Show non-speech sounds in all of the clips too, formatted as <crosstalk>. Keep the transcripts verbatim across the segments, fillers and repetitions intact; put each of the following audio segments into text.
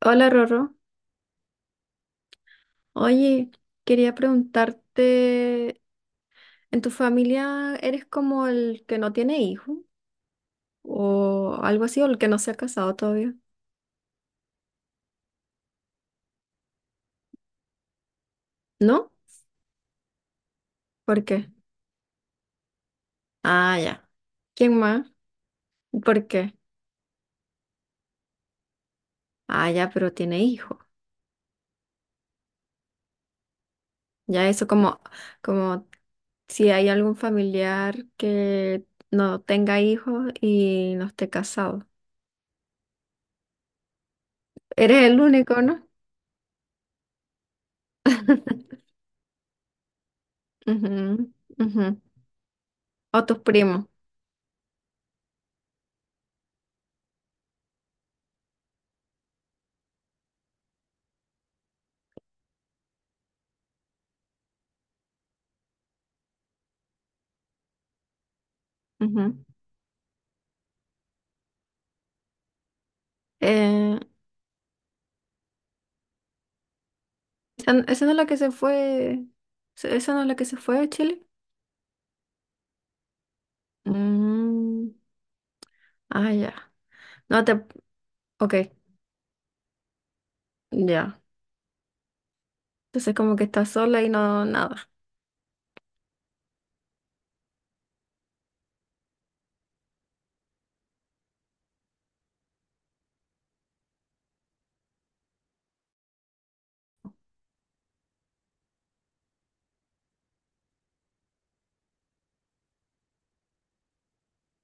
Hola Rorro, oye, quería preguntarte, ¿en tu familia eres como el que no tiene hijo o algo así o el que no se ha casado todavía? ¿No? ¿Por qué? Ah, ya. ¿Quién más? ¿Por qué? Ah, ya, pero tiene hijo. Ya eso como, como si hay algún familiar que no tenga hijos y no esté casado. Eres el único, ¿no? Ujú, ujú. O tus primos. Ujú. Eh, ¿Esa n- esa no es la que se fue? ¿se- ¿Esa no es la que se fue a Chile? Mm, ah, ya. No te. Ok, ya. Entonces como que estás sola y no nada.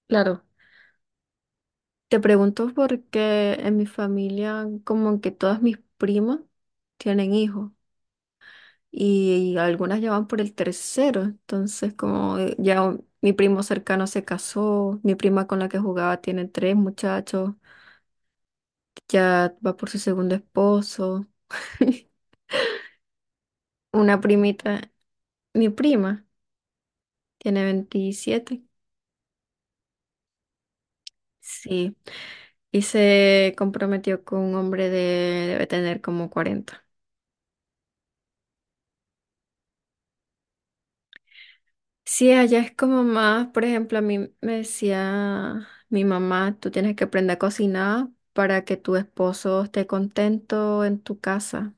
Claro. Te pregunto porque en mi familia como que todas mis primas tienen hijos y, y algunas ya van por el tercero. Entonces como eh, ya un- mi primo cercano se casó, mi prima con la que jugaba tiene tres muchachos, ya va por su segundo esposo. <laughs> Una primita, mi prima, tiene veintisiete. Sí. Y se comprometió con un hombre de, debe tener como cuarenta. Sí, allá es como más, por ejemplo, a mí me decía mi mamá, tú tienes que aprender a cocinar para que tu esposo esté contento en tu casa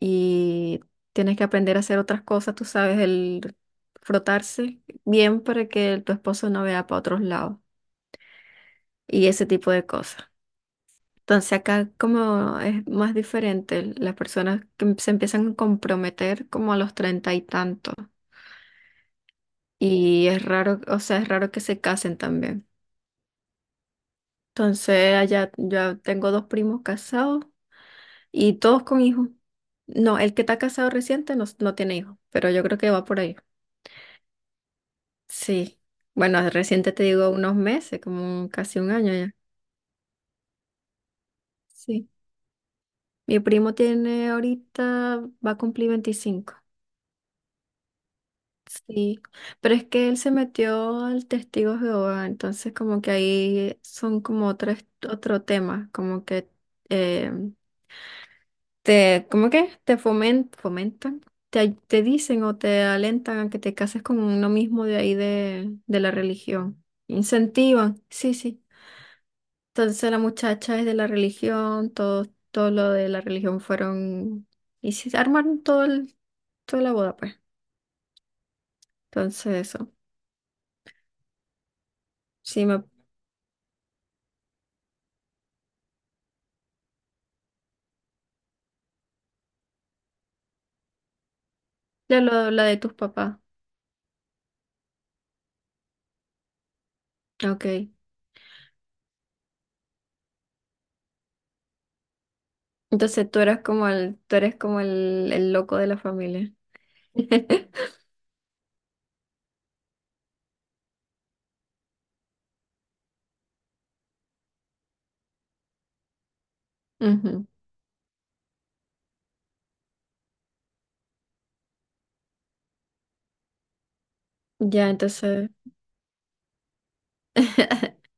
y tienes que aprender a hacer otras cosas, tú sabes, el frotarse bien para que tu esposo no vea para otros lados y ese tipo de cosas. Entonces acá como es más diferente, las personas que se empiezan a comprometer como a los treinta y tantos y es raro, o sea, es raro que se casen también. Entonces allá yo tengo dos primos casados y todos con hijos. No, el que está casado reciente no, no tiene hijos, pero yo creo que va por ahí. Sí. Bueno, reciente te digo unos meses, como un- casi un año ya. Sí. Mi primo tiene ahorita, va a cumplir veinticinco. Sí, pero es que él se metió al testigo de Jehová, entonces como que ahí son como otro, otro tema, como que eh, te, ¿cómo que? Te fomen- fomentan, te, ay- te dicen o te alentan a que te cases con uno mismo de ahí de, de la religión. Incentivan, sí, sí. Entonces la muchacha es de la religión, todo, todo lo de la religión fueron, y se armaron todo el, toda la boda, pues. Entonces eso. Sí, ya lo, la de tus papás. Ok. Entonces tú eras como el, tú eres como el, el loco de la familia. <laughs> Ujú. Ya, entonces <laughs>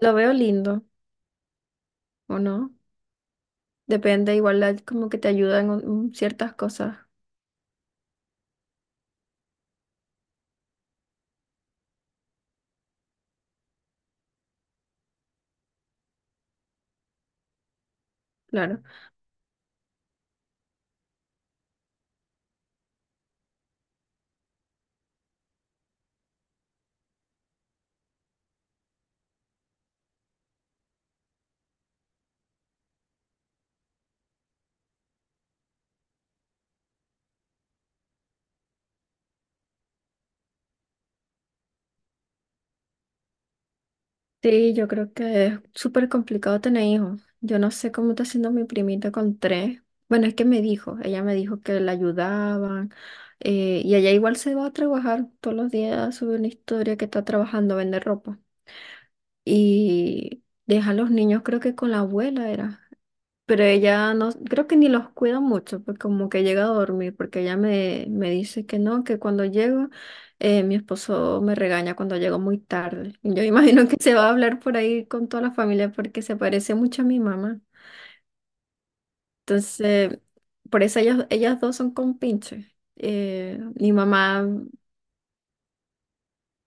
lo veo lindo, ¿o no? Depende, igual la- como que te ayudan en un- ciertas cosas, claro. Sí, yo creo que es súper complicado tener hijos. Yo no sé cómo está haciendo mi primita con tres. Bueno, es que me dijo, ella me dijo que la ayudaban. eh, y ella igual se va a trabajar todos los días, sube una historia que está trabajando, vende ropa. Y deja a los niños creo que con la abuela era. Pero ella no, creo que ni los cuida mucho, porque como que llega a dormir, porque ella me, me dice que no, que cuando llego, eh, mi esposo me regaña cuando llego muy tarde. Y Yo <laughs> imagino que se va a hablar por ahí con toda la familia porque se parece mucho a mi mamá. Entonces, por eso ellas, ellas dos son compinches. Eh, mi mamá,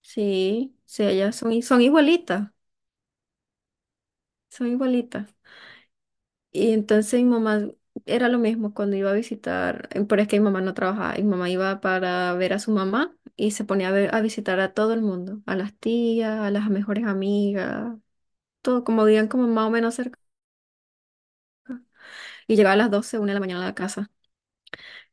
sí, sí, ellas son, i- son igualitas, son igualitas. Y entonces mi mamá era lo mismo cuando iba a visitar, eh, pero es que mi mamá no trabajaba, mi mamá iba para ver a su mamá y se ponía a, ver- a visitar a todo el mundo, a las tías, a las mejores amigas, todo, como vivían como más o menos cerca. Y llegaba a las doce, una de la mañana a la casa.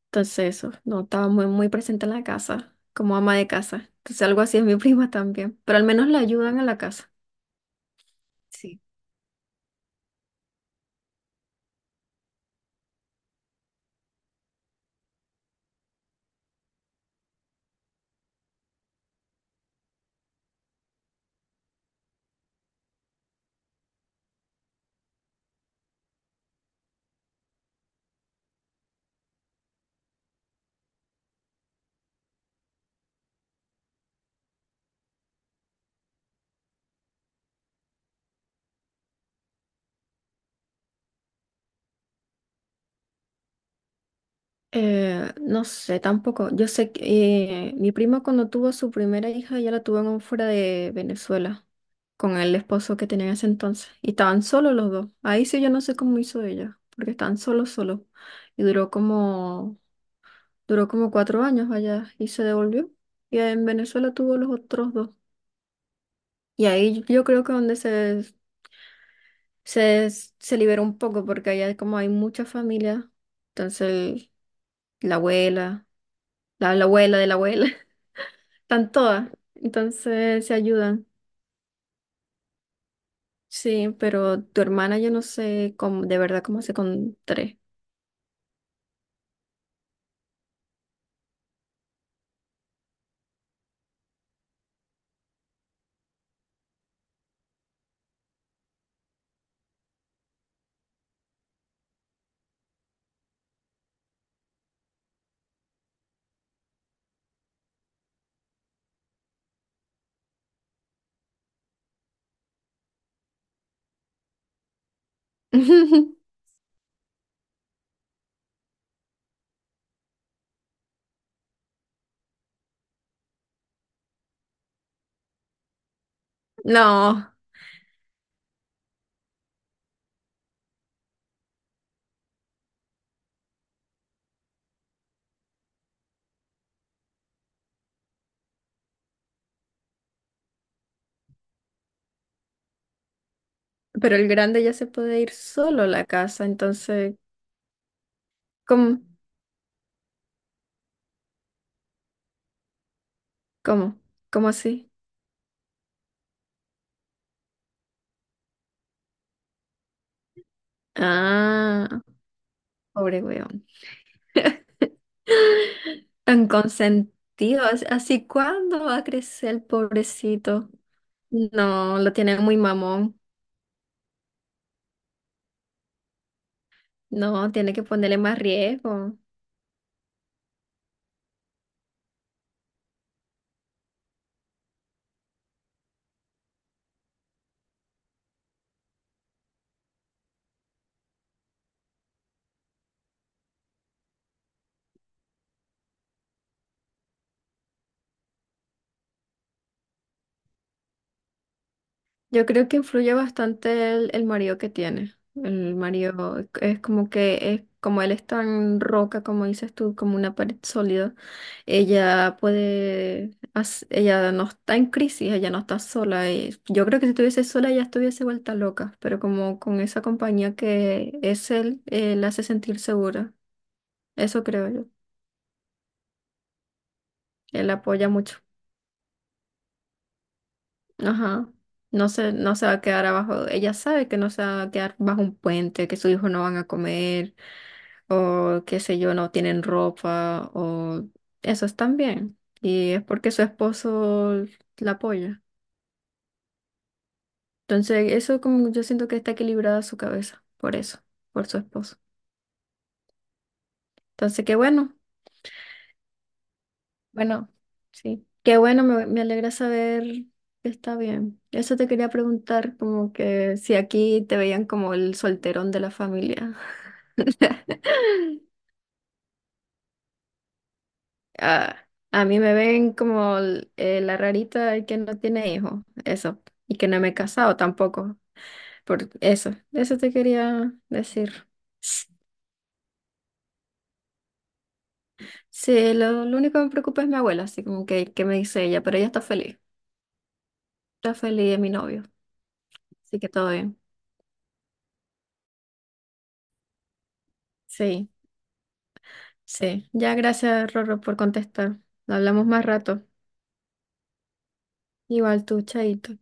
Entonces eso, no, estaba muy, muy presente en la casa, como ama de casa. Entonces algo así es mi <laughs> prima también, pero al menos la ayudan en la casa. Sí. Eh, no sé, tampoco. Yo sé que eh, mi prima cuando tuvo su primera hija, ella la tuvo en un fuera de Venezuela. con el esposo que tenía en ese entonces. Y estaban solos los dos. Ahí sí yo no sé cómo hizo ella, porque estaban solos, solos. Y duró como, duró como cuatro años allá y se devolvió. Y en Venezuela tuvo los otros dos. Y ahí yo creo que donde se, se, se liberó un poco, porque allá como hay mucha familia, entonces el- la abuela, la, la abuela de la abuela, <laughs> están todas. Entonces se ayudan. Sí, pero tu hermana yo no sé cómo, de verdad cómo hace con tres. <laughs> No, pero el grande ya se puede ir solo a la casa, entonces, ¿cómo? ¿Cómo? ¿Cómo así? Ah, pobre weón. <laughs> Tan consentido, as- así cuándo va a crecer el pobrecito. No, lo tiene muy mamón. No, tiene que ponerle más riesgo. Yo creo que influye bastante el, el marido que tiene. El marido es como que es como él es tan roca, como dices tú, como una pared sólida. Ella puede, hac- ella no está en crisis, ella no está sola. Y yo creo que si estuviese sola ella estuviese vuelta loca, pero como con esa compañía que es él, eh, la hace sentir segura. Eso creo yo. Él la apoya mucho. Ajá. No se, no se va a quedar abajo. Ella sabe que no se va a quedar bajo un puente, que sus hijos no van a comer, o qué sé yo, no tienen ropa, o eso están bien. Y es porque su esposo la apoya. Entonces, eso como yo siento que está equilibrada su cabeza, por eso, por su esposo. Entonces, qué bueno, bueno, sí, qué bueno, me, me alegra saber que está bien. Eso te quería preguntar, como que si aquí te veían como el solterón de la familia. <laughs> Ah, a mí me ven como el- eh, la rarita que no tiene hijos, eso, y que no me he casado tampoco, por eso, eso te quería decir. Sí, lo, lo único que me preocupa es mi abuela, así como que, que, me dice ella, pero ella está feliz, está feliz de mi novio, así que todo bien. Sí, sí. Ya gracias, Rorro, por contestar. Hablamos más rato. Igual tú, Chaito.